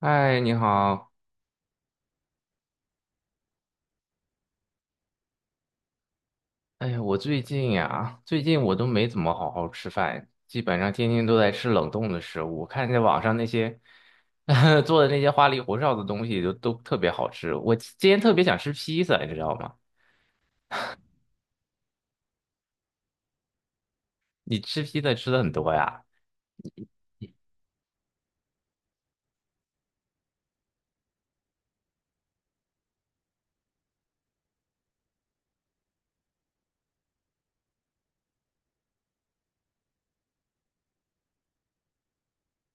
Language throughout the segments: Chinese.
嗨，你好。哎呀，我最近呀，最近我都没怎么好好吃饭，基本上天天都在吃冷冻的食物。我看见网上那些 做的那些花里胡哨的东西都特别好吃。我今天特别想吃披萨，你知道吗？你吃披萨吃的很多呀？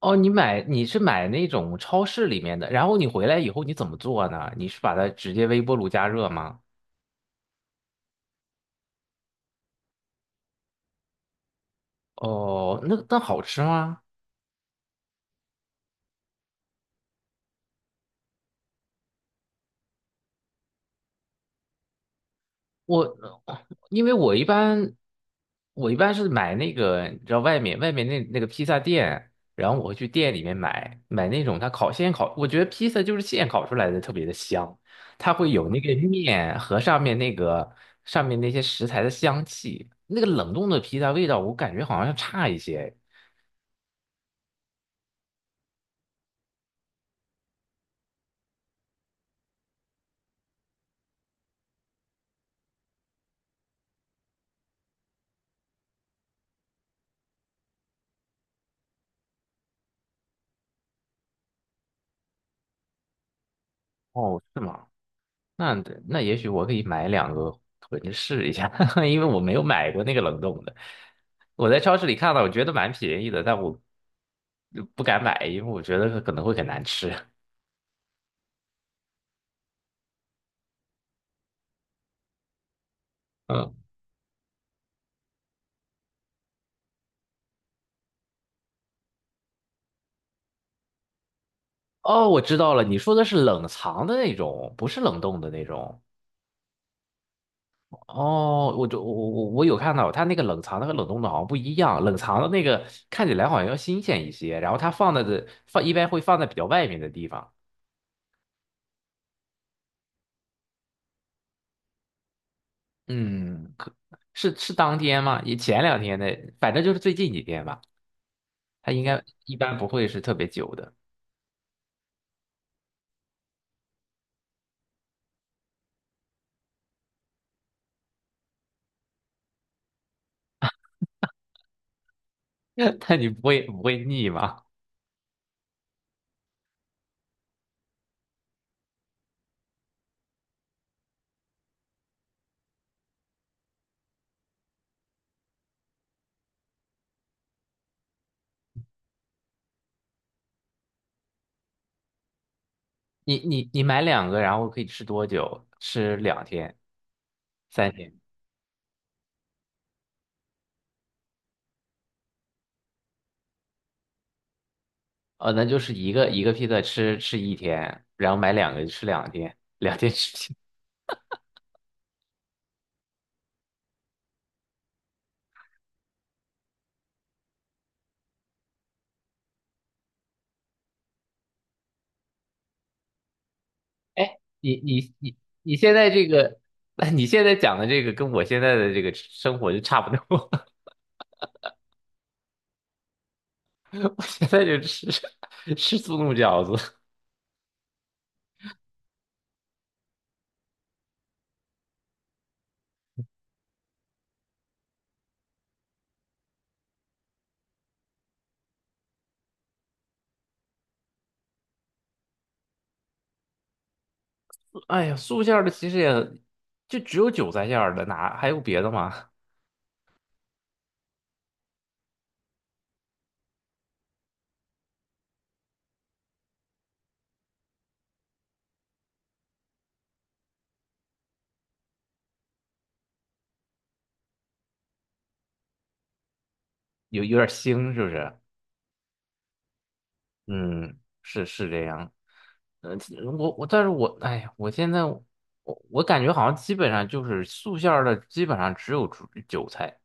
哦，你买你是买那种超市里面的，然后你回来以后你怎么做呢？你是把它直接微波炉加热吗？哦，那那好吃吗？我因为我一般是买那个，你知道外面那个披萨店，然后我会去店里面买那种它烤现烤，我觉得披萨就是现烤出来的特别的香，它会有那个面和上面那个那些食材的香气，那个冷冻的披萨味道我感觉好像差一些。哦，是吗？那那也许我可以买两个回去试一下，因为我没有买过那个冷冻的。我在超市里看到，我觉得蛮便宜的，但我不敢买，因为我觉得可能会很难吃。嗯。哦，我知道了，你说的是冷藏的那种，不是冷冻的那种。哦，我就我我我有看到，它那个冷藏的和冷冻的好像不一样，冷藏的那个看起来好像要新鲜一些，然后它放在的放一般会放在比较外面的地方。嗯，可是是当天吗？也前两天的，反正就是最近几天吧。它应该一般不会是特别久的。但你不会腻吗？你买两个，然后可以吃多久？吃两天、三天？哦，那就是一个一个披萨吃一天，然后买两个就吃两天，两天吃。哎，你现在这个。你现在讲的这个跟我现在的这个生活就差不多。我现在就吃 吃速冻饺子。哎呀，素馅儿的其实也就只有韭菜馅儿的，哪还有别的吗？有点腥，是不是？嗯，是是这样。呃，其我我，但是我哎呀，我现在我感觉好像基本上就是素馅儿的，基本上只有猪韭菜，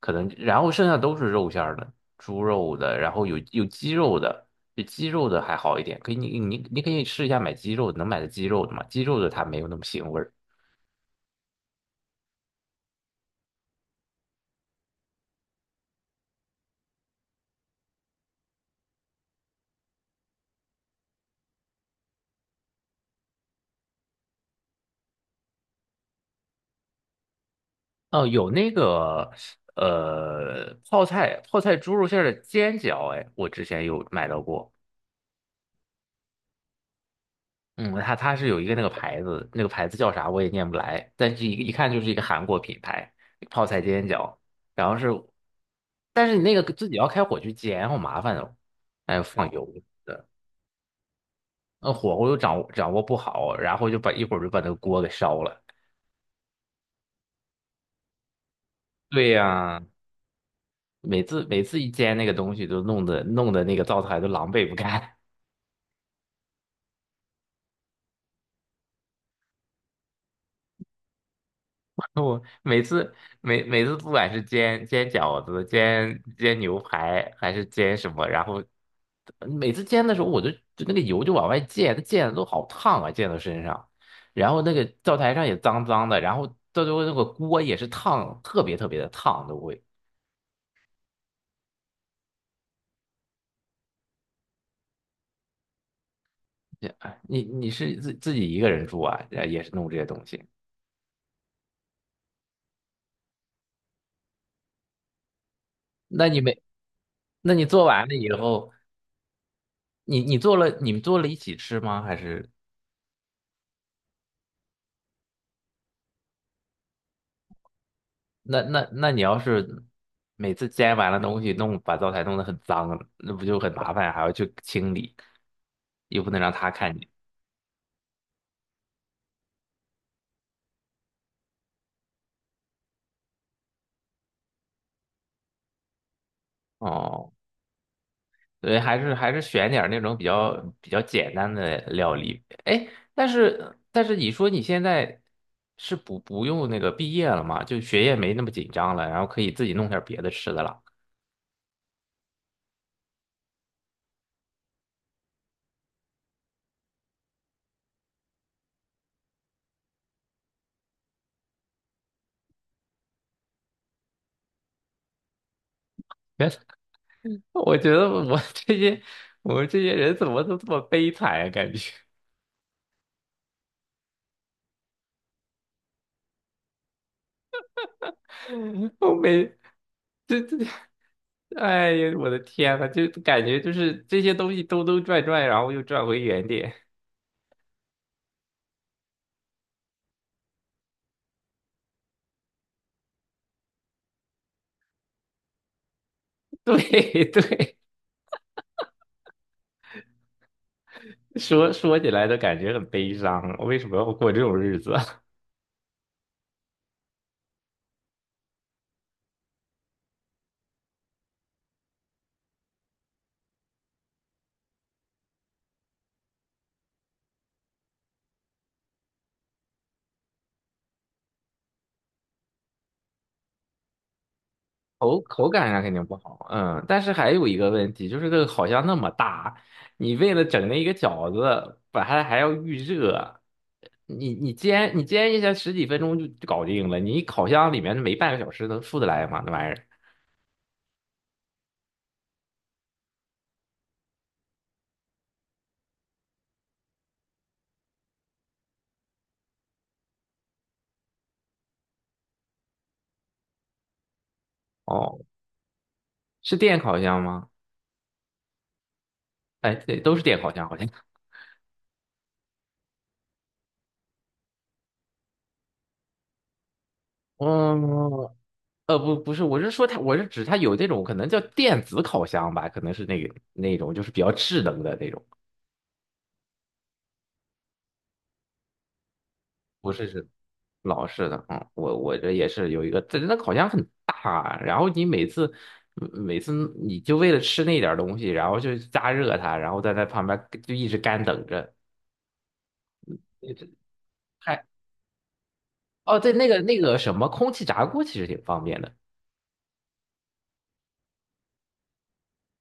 可能然后剩下都是肉馅儿的，猪肉的，然后有鸡肉的，这鸡肉的还好一点，可以你可以试一下买鸡肉的能买的鸡肉的嘛？鸡肉的它没有那么腥味儿。哦，有那个泡菜猪肉馅儿的煎饺，哎，我之前有买到过。嗯，它是有一个那个牌子，那个牌子叫啥我也念不来，但是一看就是一个韩国品牌，泡菜煎饺。然后是，但是你那个自己要开火去煎，好麻烦哦，还要放油的，那火候又掌握不好，然后就把一会儿就把那个锅给烧了。对呀，每次一煎那个东西，都弄得那个灶台都狼狈不堪。我每次不管是煎饺子、煎牛排还是煎什么，然后每次煎的时候，就那个油就往外溅，它溅的都好烫啊，溅到身上。然后那个灶台上也脏脏的，然后到最后那个锅也是烫，特别特别的烫都会。哎，你是自己一个人住啊，呃也是弄这些东西。那你没，那你做完了以后，你们做了一起吃吗？还是？那你要是每次摘完了东西弄，把灶台弄得很脏，那不就很麻烦，还要去清理，又不能让他看见。哦，对，还是选点儿那种比较简单的料理。哎，但是你说你现在是不不用那个毕业了嘛，就学业没那么紧张了，然后可以自己弄点儿别的吃的了。别的。我觉得我们这些人怎么都这么悲惨啊？感觉 我每这这。哎呀，我的天呐，就感觉就是这些东西兜兜转转，然后又转回原点。对对，说起来都感觉很悲伤，为什么要过这种日子？口感上肯定不好，嗯，但是还有一个问题，就是这个好像那么大，你为了整那一个饺子，把它还要预热，你煎一下十几分钟就搞定了，你烤箱里面没半个小时能出得来吗？那玩意儿，哦，是电烤箱吗？哎，对，都是电烤箱，好像。嗯，不是，我是说它，我是指它有这种可能叫电子烤箱吧，可能是那个那种就是比较智能的那种，不是老式的。嗯，我这也是有一个，这那烤箱很大，然后你每次你就为了吃那点儿东西，然后就加热它，然后在那旁边就一直干等着，一直还哦，对，那个什么空气炸锅其实挺方便的。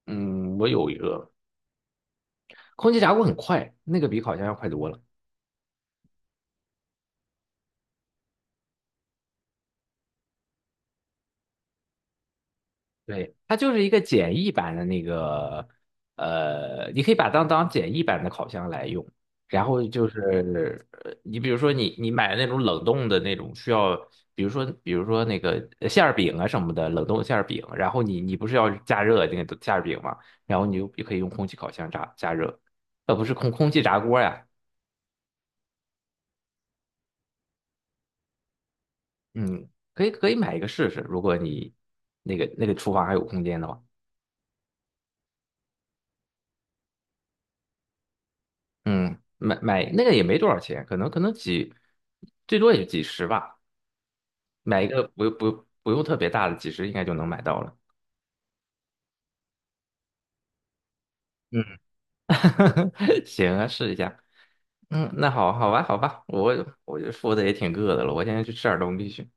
嗯，我有一个空气炸锅，很快，那个比烤箱要快多了。对，它就是一个简易版的那个，呃，你可以把它当简易版的烤箱来用。然后就是，呃你比如说你你买那种冷冻的那种需要，比如说馅儿饼啊什么的，冷冻馅儿饼，然后你不是要加热那个馅儿饼嘛，然后你就也可以用空气烤箱炸加热，呃，不是空气炸锅呀，嗯，可以买一个试试，如果你那个厨房还有空间的话。嗯，买那个也没多少钱，可能可能几，最多也就几十吧，买一个不用特别大的，几十应该就能买到了。嗯。行啊，试一下。嗯，那好好吧，好吧，我就说的也挺饿的了，我现在去吃点东西去。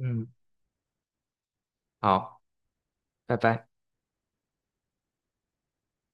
嗯，好，拜拜。